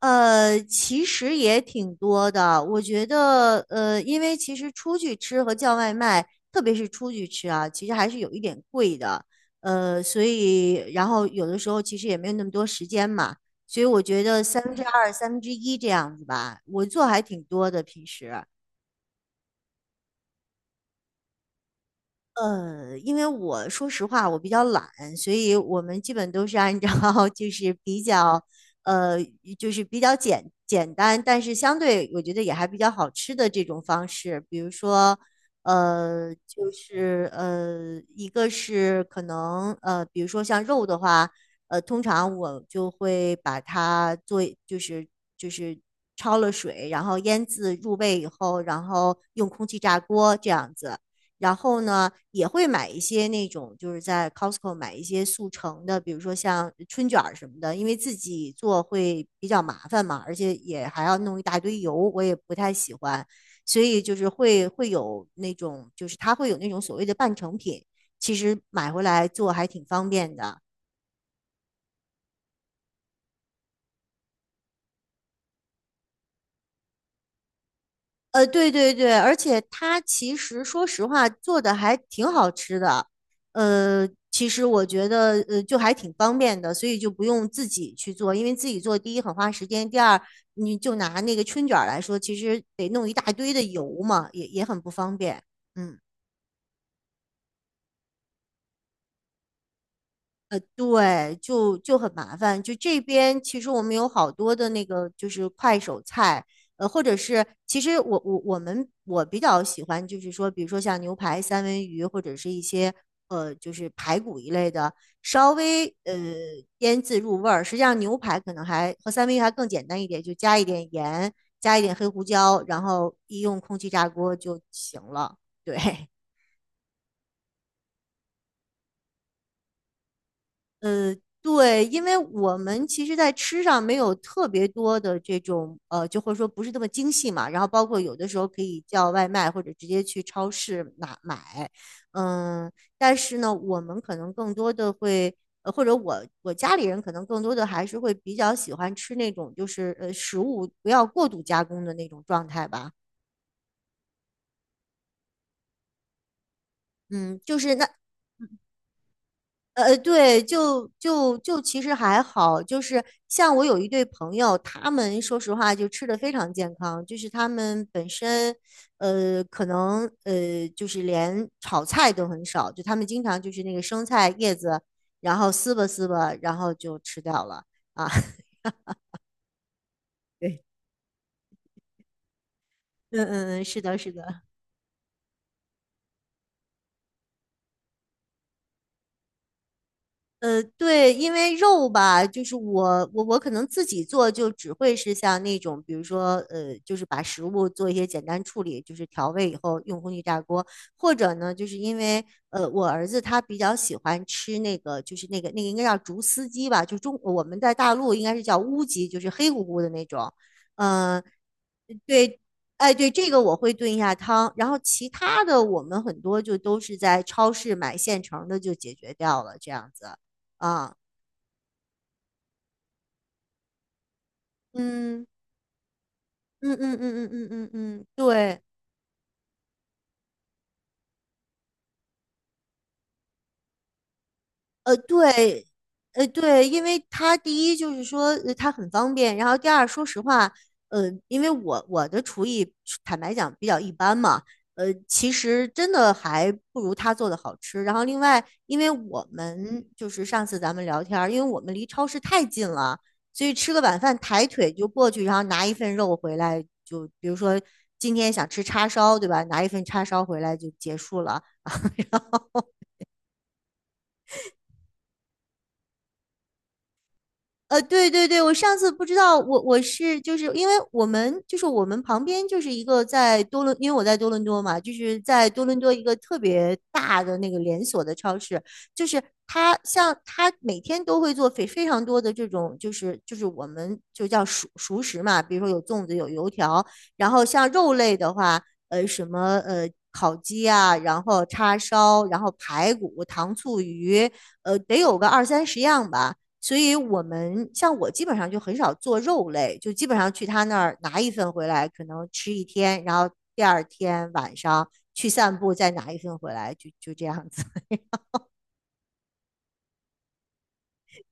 其实也挺多的。我觉得，因为其实出去吃和叫外卖，特别是出去吃啊，其实还是有一点贵的。所以，然后有的时候其实也没有那么多时间嘛，所以我觉得三分之二、三分之一这样子吧，我做还挺多的平时。因为我说实话，我比较懒，所以我们基本都是按照 就是比较，呃，就是比较简简单，但是相对我觉得也还比较好吃的这种方式，比如说，就是一个是可能比如说像肉的话，通常我就会把它做，就是就是焯了水，然后腌制入味以后，然后用空气炸锅这样子。然后呢，也会买一些那种，就是在 Costco 买一些速成的，比如说像春卷儿什么的，因为自己做会比较麻烦嘛，而且也还要弄一大堆油，我也不太喜欢，所以就是会有那种，就是它会有那种所谓的半成品，其实买回来做还挺方便的。对对对，而且它其实说实话做的还挺好吃的，其实我觉得就还挺方便的，所以就不用自己去做，因为自己做第一很花时间，第二你就拿那个春卷儿来说，其实得弄一大堆的油嘛，也很不方便。嗯。对，就很麻烦。就这边其实我们有好多的那个就是快手菜，或者是其实我比较喜欢就是说，比如说像牛排、三文鱼或者是一些就是排骨一类的，稍微腌制入味儿。实际上牛排可能还和三文鱼还更简单一点，就加一点盐，加一点黑胡椒，然后一用空气炸锅就行了。对，呃，对，因为我们其实，在吃上没有特别多的这种，就或者说不是那么精细嘛。然后包括有的时候可以叫外卖，或者直接去超市拿买。嗯，但是呢，我们可能更多的会，或者我家里人可能更多的还是会比较喜欢吃那种，就是食物不要过度加工的那种状态吧。嗯，就是那。对，就其实还好，就是像我有一对朋友，他们说实话就吃的非常健康，就是他们本身，可能就是连炒菜都很少，就他们经常就是那个生菜叶子，然后撕吧撕吧，然后就吃掉了啊。对，嗯嗯嗯，是的，是的。对，因为肉吧，就是我可能自己做就只会是像那种，比如说就是把食物做一些简单处理，就是调味以后用空气炸锅，或者呢，就是因为我儿子他比较喜欢吃那个，就是那个应该叫竹丝鸡吧，就中我们在大陆应该是叫乌鸡，就是黑乎乎的那种，嗯。对，哎，对，这个我会炖一下汤，然后其他的我们很多就都是在超市买现成的就解决掉了，这样子啊，嗯嗯嗯嗯嗯嗯嗯嗯，对。对，对，因为他第一就是说它很方便，然后第二，说实话，呃，因为我的厨艺坦白讲比较一般嘛，其实真的还不如他做的好吃。然后另外，因为我们就是上次咱们聊天儿因为我们离超市太近了，所以吃个晚饭抬腿就过去，然后拿一份肉回来，就比如说今天想吃叉烧，对吧？拿一份叉烧回来就结束了。对对对，我上次不知道，我是就是因为我们就是我们旁边就是一个在多伦，因为我在多伦多嘛，就是在多伦多一个特别大的那个连锁的超市，就是它像它每天都会做非常多的这种就是我们就叫熟食嘛，比如说有粽子有油条，然后像肉类的话，什么烤鸡啊，然后叉烧，然后排骨、糖醋鱼，得有个二三十样吧。所以我们像我基本上就很少做肉类，就基本上去他那儿拿一份回来，可能吃一天，然后第二天晚上去散步，再拿一份回来，就这样子。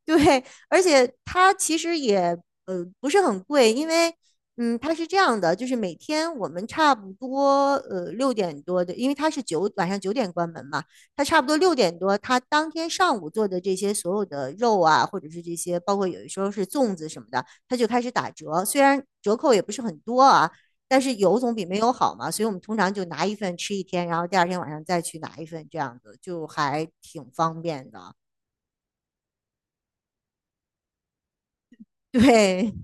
对，而且它其实也不是很贵，因为它是这样的，就是每天我们差不多六点多的，因为它是晚上九点关门嘛，它差不多六点多，它当天上午做的这些所有的肉啊，或者是这些包括有的时候是粽子什么的，它就开始打折，虽然折扣也不是很多啊，但是有总比没有好嘛，所以我们通常就拿一份吃一天，然后第二天晚上再去拿一份，这样子就还挺方便的，对。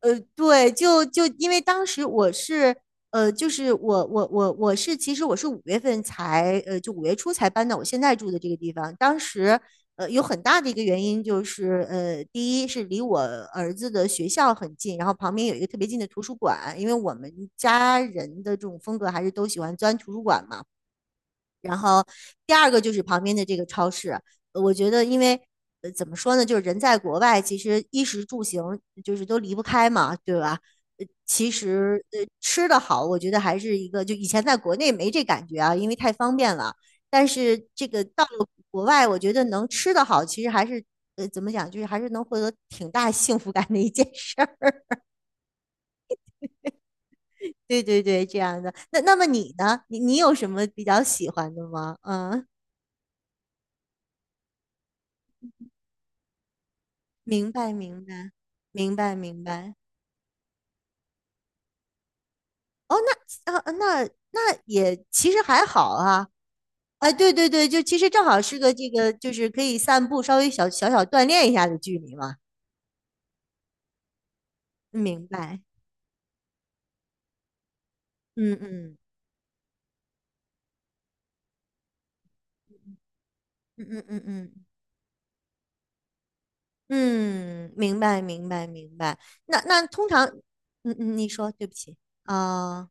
对，就因为当时我是，就是我是，其实我是五月份才，就五月初才搬到我现在住的这个地方。当时，有很大的一个原因就是，第一是离我儿子的学校很近，然后旁边有一个特别近的图书馆，因为我们家人的这种风格还是都喜欢钻图书馆嘛。然后第二个就是旁边的这个超市，我觉得因为怎么说呢，就是人在国外，其实衣食住行就是都离不开嘛，对吧？其实吃的好，我觉得还是一个，就以前在国内没这感觉啊，因为太方便了。但是这个到了国外，我觉得能吃的好，其实还是怎么讲，就是还是能获得挺大幸福感的一件事儿。对对对，这样的。那么你呢？你有什么比较喜欢的吗？嗯。明白，明白，明白，明白。哦，那呃，那那也其实还好啊。哎，对对对，就其实正好是个这个，就是可以散步，稍微小锻炼一下的距离嘛。明白。嗯嗯嗯嗯嗯嗯嗯，明白明白明白。那通常，嗯嗯，你说，对不起啊。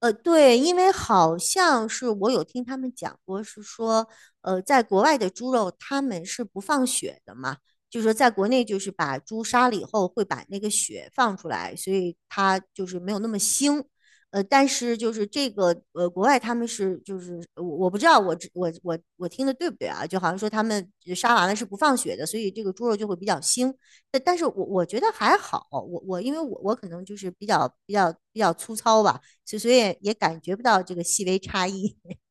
对，因为好像是我有听他们讲过，是说，在国外的猪肉他们是不放血的嘛，就是说在国内就是把猪杀了以后会把那个血放出来，所以它就是没有那么腥。但是就是这个国外他们是就是我不知道我只我我我听的对不对啊？就好像说他们杀完了是不放血的，所以这个猪肉就会比较腥。但是我觉得还好，我因为我可能就是比较粗糙吧。所以也感觉不到这个细微差异。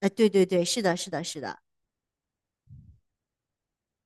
对对对，是的，是的，是的。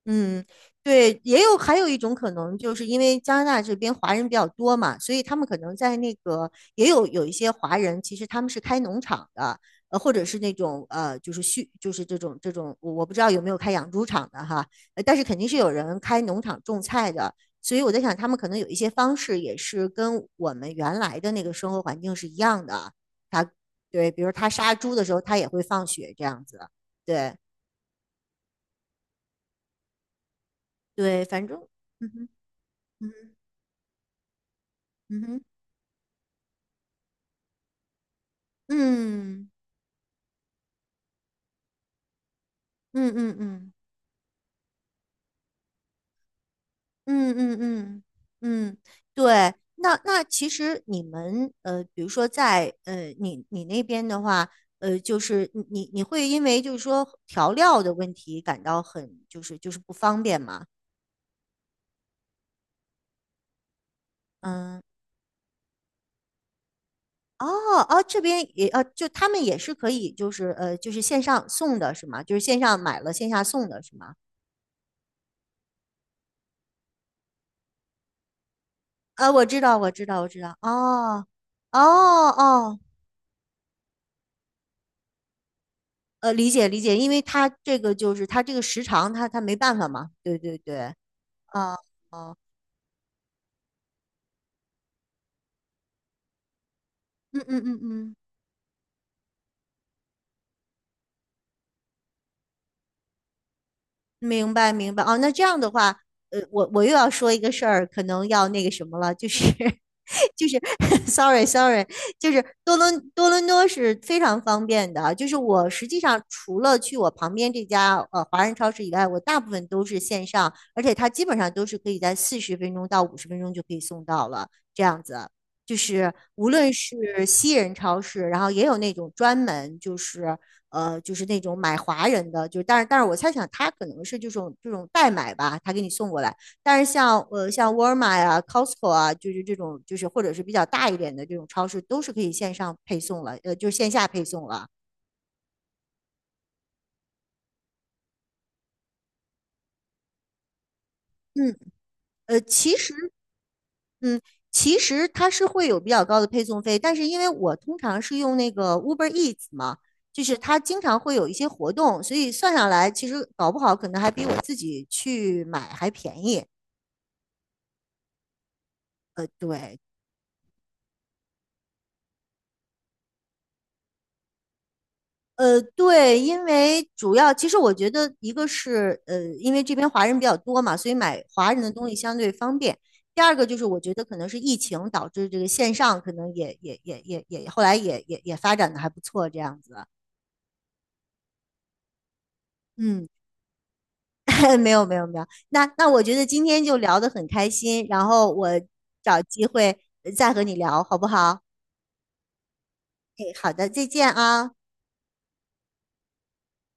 嗯，对，还有一种可能，就是因为加拿大这边华人比较多嘛，所以他们可能在那个也有一些华人，其实他们是开农场的，或者是那种就是畜，就是这种，我不知道有没有开养猪场的哈，但是肯定是有人开农场种菜的，所以我在想，他们可能有一些方式也是跟我们原来的那个生活环境是一样的。他对，比如他杀猪的时候，他也会放血这样子。对对，反正，嗯哼。嗯嗯哼，嗯嗯嗯嗯嗯嗯嗯嗯。对，那其实你们，比如说在你那边的话，就是你会因为就是说调料的问题感到很不方便吗？嗯，哦哦，这边也就他们也是可以就是线上送的是吗？就是线上买了线下送的是吗？啊，我知道我知道我知道，哦哦哦。理解理解，因为他这个时长他没办法嘛。对对对，啊，哦，嗯嗯嗯嗯，明白明白。哦，那这样的话，我又要说一个事儿，可能要那个什么了，就是 就是 sorry sorry,就是多伦多是非常方便的啊。就是我实际上除了去我旁边这家华人超市以外，我大部分都是线上，而且它基本上都是可以在40分钟到50分钟就可以送到了，这样子。就是无论是西人超市，然后也有那种专门就是那种买华人的，就是但是我猜想他可能是这种代买吧，他给你送过来。但是像沃尔玛呀、Costco 啊，就是这种或者是比较大一点的这种超市，都是可以线上配送了，就是线下配送了。嗯，呃，其实嗯，其实它是会有比较高的配送费，但是因为我通常是用那个 Uber Eats 嘛，就是它经常会有一些活动，所以算下来其实搞不好可能还比我自己去买还便宜。对。对，因为主要其实我觉得一个是因为这边华人比较多嘛，所以买华人的东西相对方便。第二个就是我觉得可能是疫情导致这个线上可能也后来也发展的还不错这样子。嗯，没有没有没有，那我觉得今天就聊得很开心，然后我找机会再和你聊好不好？哎，好的，再见啊。